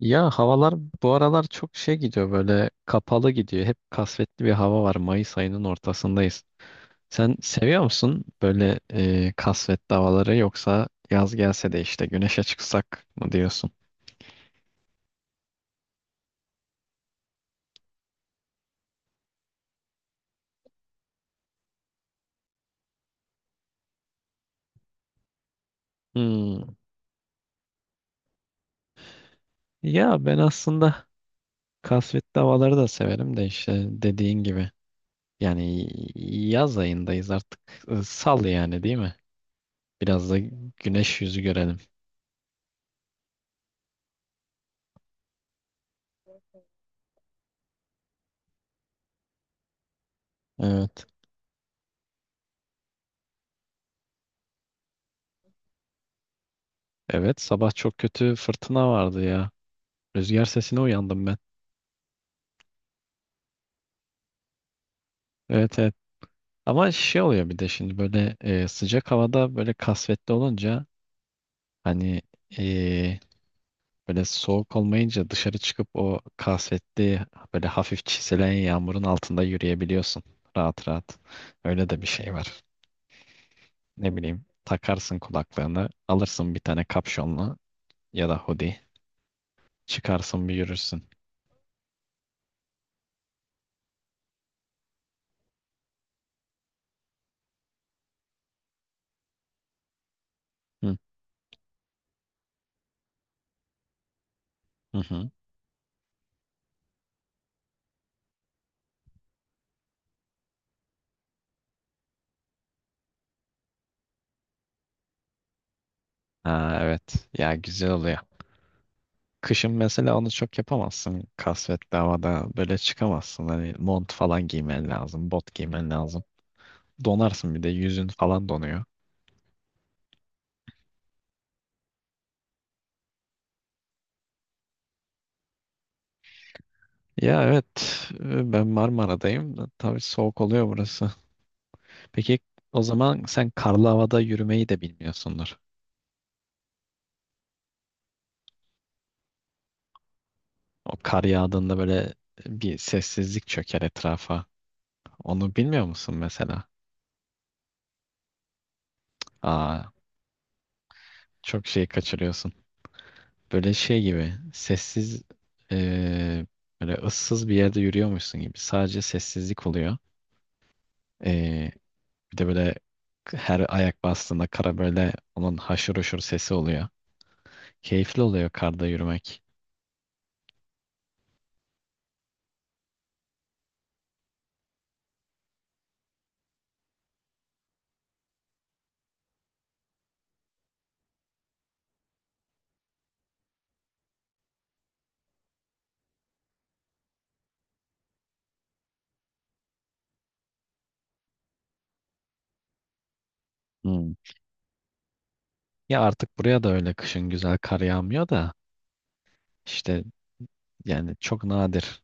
Ya havalar bu aralar çok şey gidiyor, böyle kapalı gidiyor. Hep kasvetli bir hava var. Mayıs ayının ortasındayız. Sen seviyor musun böyle, kasvetli havaları, yoksa yaz gelse de işte güneşe çıksak mı diyorsun? Hmm. Ya ben aslında kasvetli havaları da severim de, işte dediğin gibi. Yani yaz ayındayız artık. Sal yani, değil mi? Biraz da güneş yüzü görelim. Evet. Evet, sabah çok kötü fırtına vardı ya. Rüzgar sesine uyandım ben. Evet, evet. Ama şey oluyor, bir de şimdi böyle sıcak havada böyle kasvetli olunca, hani, e, böyle soğuk olmayınca dışarı çıkıp o kasvetli, böyle hafif çiselen yağmurun altında yürüyebiliyorsun. Rahat rahat. Öyle de bir şey var. Ne bileyim, takarsın kulaklığını, alırsın bir tane kapşonlu ya da hoodie. Çıkarsın bir yürürsün. Hı hı. Hı. Ha, evet ya, güzel oluyor. Kışın mesela onu çok yapamazsın. Kasvetli havada böyle çıkamazsın. Hani mont falan giymen lazım, bot giymen lazım. Donarsın, bir de yüzün falan donuyor. Ya evet, ben Marmara'dayım. Da Tabii soğuk oluyor burası. Peki o zaman sen karlı havada yürümeyi de bilmiyorsundur. O kar yağdığında böyle bir sessizlik çöker etrafa. Onu bilmiyor musun mesela? Aa, çok şey kaçırıyorsun. Böyle şey gibi sessiz, eee, böyle ıssız bir yerde yürüyormuşsun gibi. Sadece sessizlik oluyor. Eee, Bir de böyle her ayak bastığında kara, böyle onun haşır huşur sesi oluyor. Keyifli oluyor karda yürümek. Hmm. Ya artık buraya da öyle kışın güzel kar yağmıyor da, işte, yani çok nadir.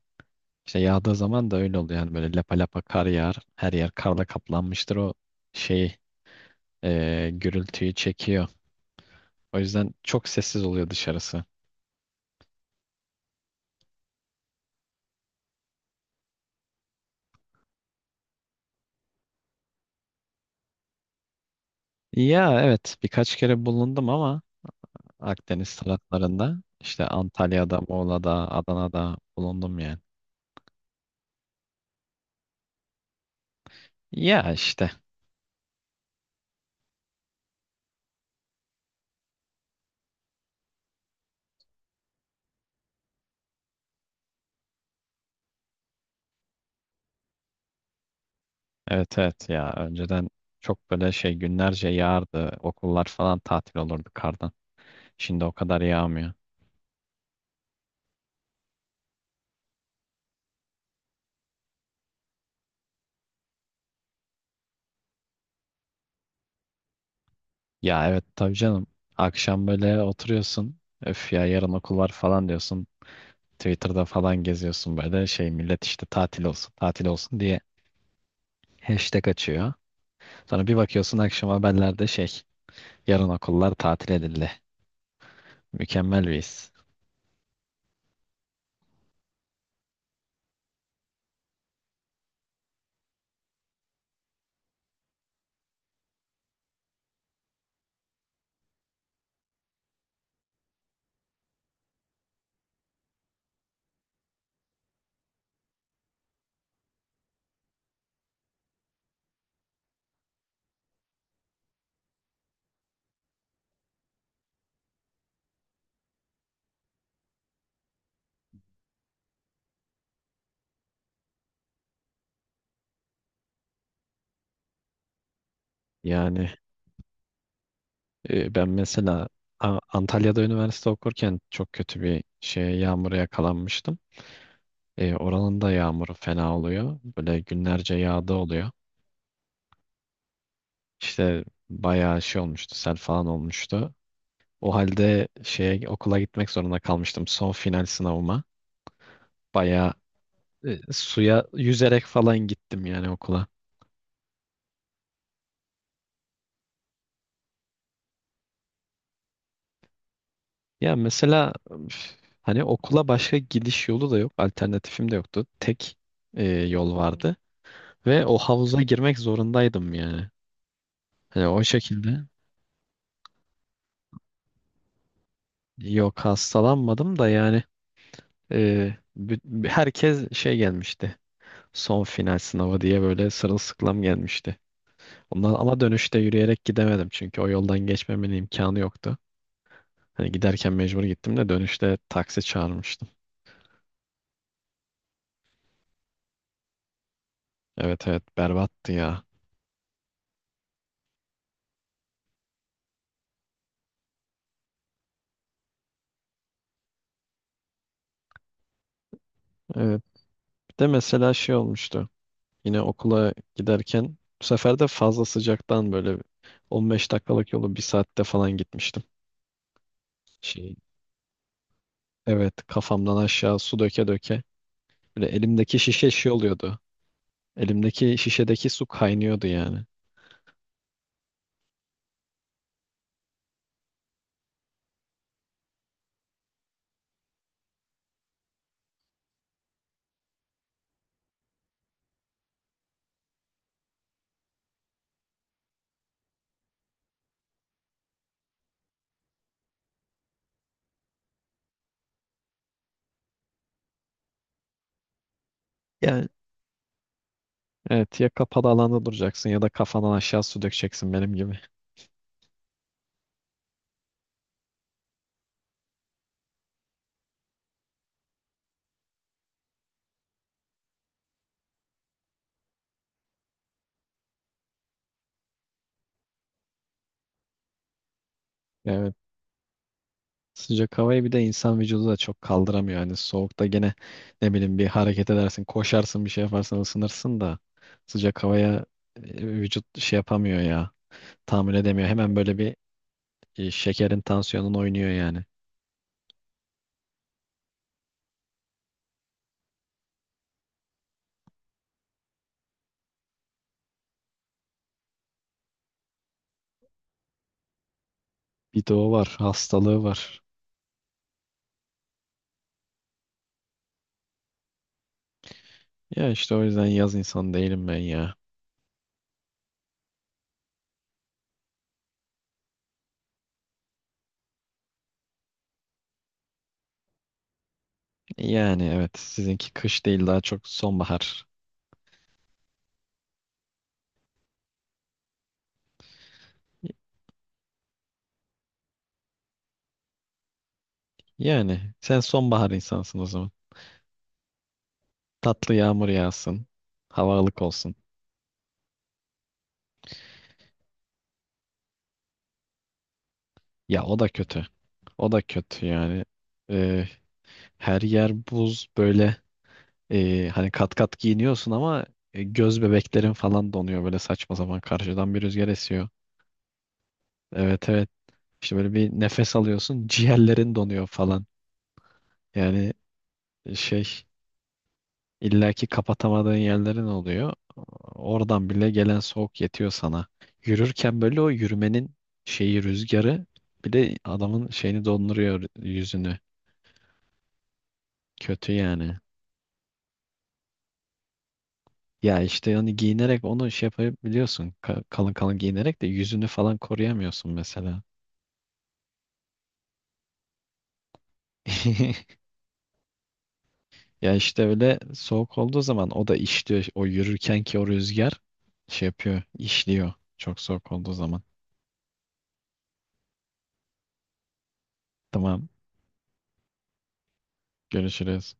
İşte yağdığı zaman da öyle oluyor. Yani böyle lapa lapa kar yağar. Her yer karla kaplanmıştır. O şey, gürültüyü çekiyor. O yüzden çok sessiz oluyor dışarısı. Ya evet, birkaç kere bulundum ama Akdeniz taraflarında, işte Antalya'da, Muğla'da, Adana'da bulundum yani. Ya işte evet, evet ya, önceden çok böyle şey günlerce yağardı. Okullar falan tatil olurdu kardan. Şimdi o kadar yağmıyor. Ya evet, tabii canım. Akşam böyle oturuyorsun. Öf ya, yarın okul var falan diyorsun. Twitter'da falan geziyorsun, böyle şey millet işte tatil olsun tatil olsun diye hashtag açıyor. Sonra bir bakıyorsun akşam haberlerde şey, yarın okullar tatil edildi. Mükemmel bir his. Yani, ben mesela Antalya'da üniversite okurken çok kötü bir şeye, yağmura yakalanmıştım. Oranın da yağmuru fena oluyor. Böyle günlerce yağda oluyor. İşte bayağı şey olmuştu, sel falan olmuştu. O halde şeye, okula gitmek zorunda kalmıştım son final sınavıma. Bayağı, suya yüzerek falan gittim yani okula. Ya mesela üf, hani okula başka gidiş yolu da yok, alternatifim de yoktu. Tek yol vardı ve o havuza girmek zorundaydım yani. Hani o şekilde yok, hastalanmadım da, yani herkes şey gelmişti. Son final sınavı diye böyle sırılsıklam gelmişti. Ondan, ama dönüşte yürüyerek gidemedim çünkü o yoldan geçmemenin imkanı yoktu. Hani giderken mecbur gittim de dönüşte taksi çağırmıştım. Evet evet, berbattı ya. Evet, bir de mesela şey olmuştu. Yine okula giderken, bu sefer de fazla sıcaktan, böyle 15 dakikalık yolu bir saatte falan gitmiştim. Şey, evet, kafamdan aşağı su döke döke. Böyle elimdeki şişe şey oluyordu. Elimdeki şişedeki su kaynıyordu yani. Yani evet ya, kapalı alanda duracaksın ya da kafandan aşağı su dökeceksin benim gibi. Evet, sıcak havayı bir de insan vücudu da çok kaldıramıyor. Yani soğukta gene, ne bileyim, bir hareket edersin, koşarsın, bir şey yaparsan ısınırsın da sıcak havaya vücut şey yapamıyor ya, tahammül edemiyor. Hemen böyle bir... Şekerin tansiyonun oynuyor yani. Bir de o var, hastalığı var. Ya işte o yüzden yaz insanı değilim ben ya. Yani evet, sizinki kış değil, daha çok sonbahar. Yani sen sonbahar insansın o zaman. Tatlı yağmur yağsın, hava ılık olsun. Ya o da kötü. O da kötü yani. Ee, Her yer buz böyle. Hani kat kat giyiniyorsun ama göz bebeklerin falan donuyor, böyle saçma zaman karşıdan bir rüzgar esiyor. Evet evet. İşte böyle bir nefes alıyorsun ciğerlerin donuyor falan. Yani şey, illaki kapatamadığın yerlerin oluyor. Oradan bile gelen soğuk yetiyor sana. Yürürken böyle o yürümenin şeyi, rüzgarı, bir de adamın şeyini donduruyor, yüzünü. Kötü yani. Ya işte, hani giyinerek onu şey yapabiliyorsun. Kalın kalın giyinerek de yüzünü falan koruyamıyorsun mesela. Ya işte öyle soğuk olduğu zaman o da işliyor. O yürürken ki, o rüzgar şey yapıyor, işliyor. Çok soğuk olduğu zaman. Tamam, görüşürüz.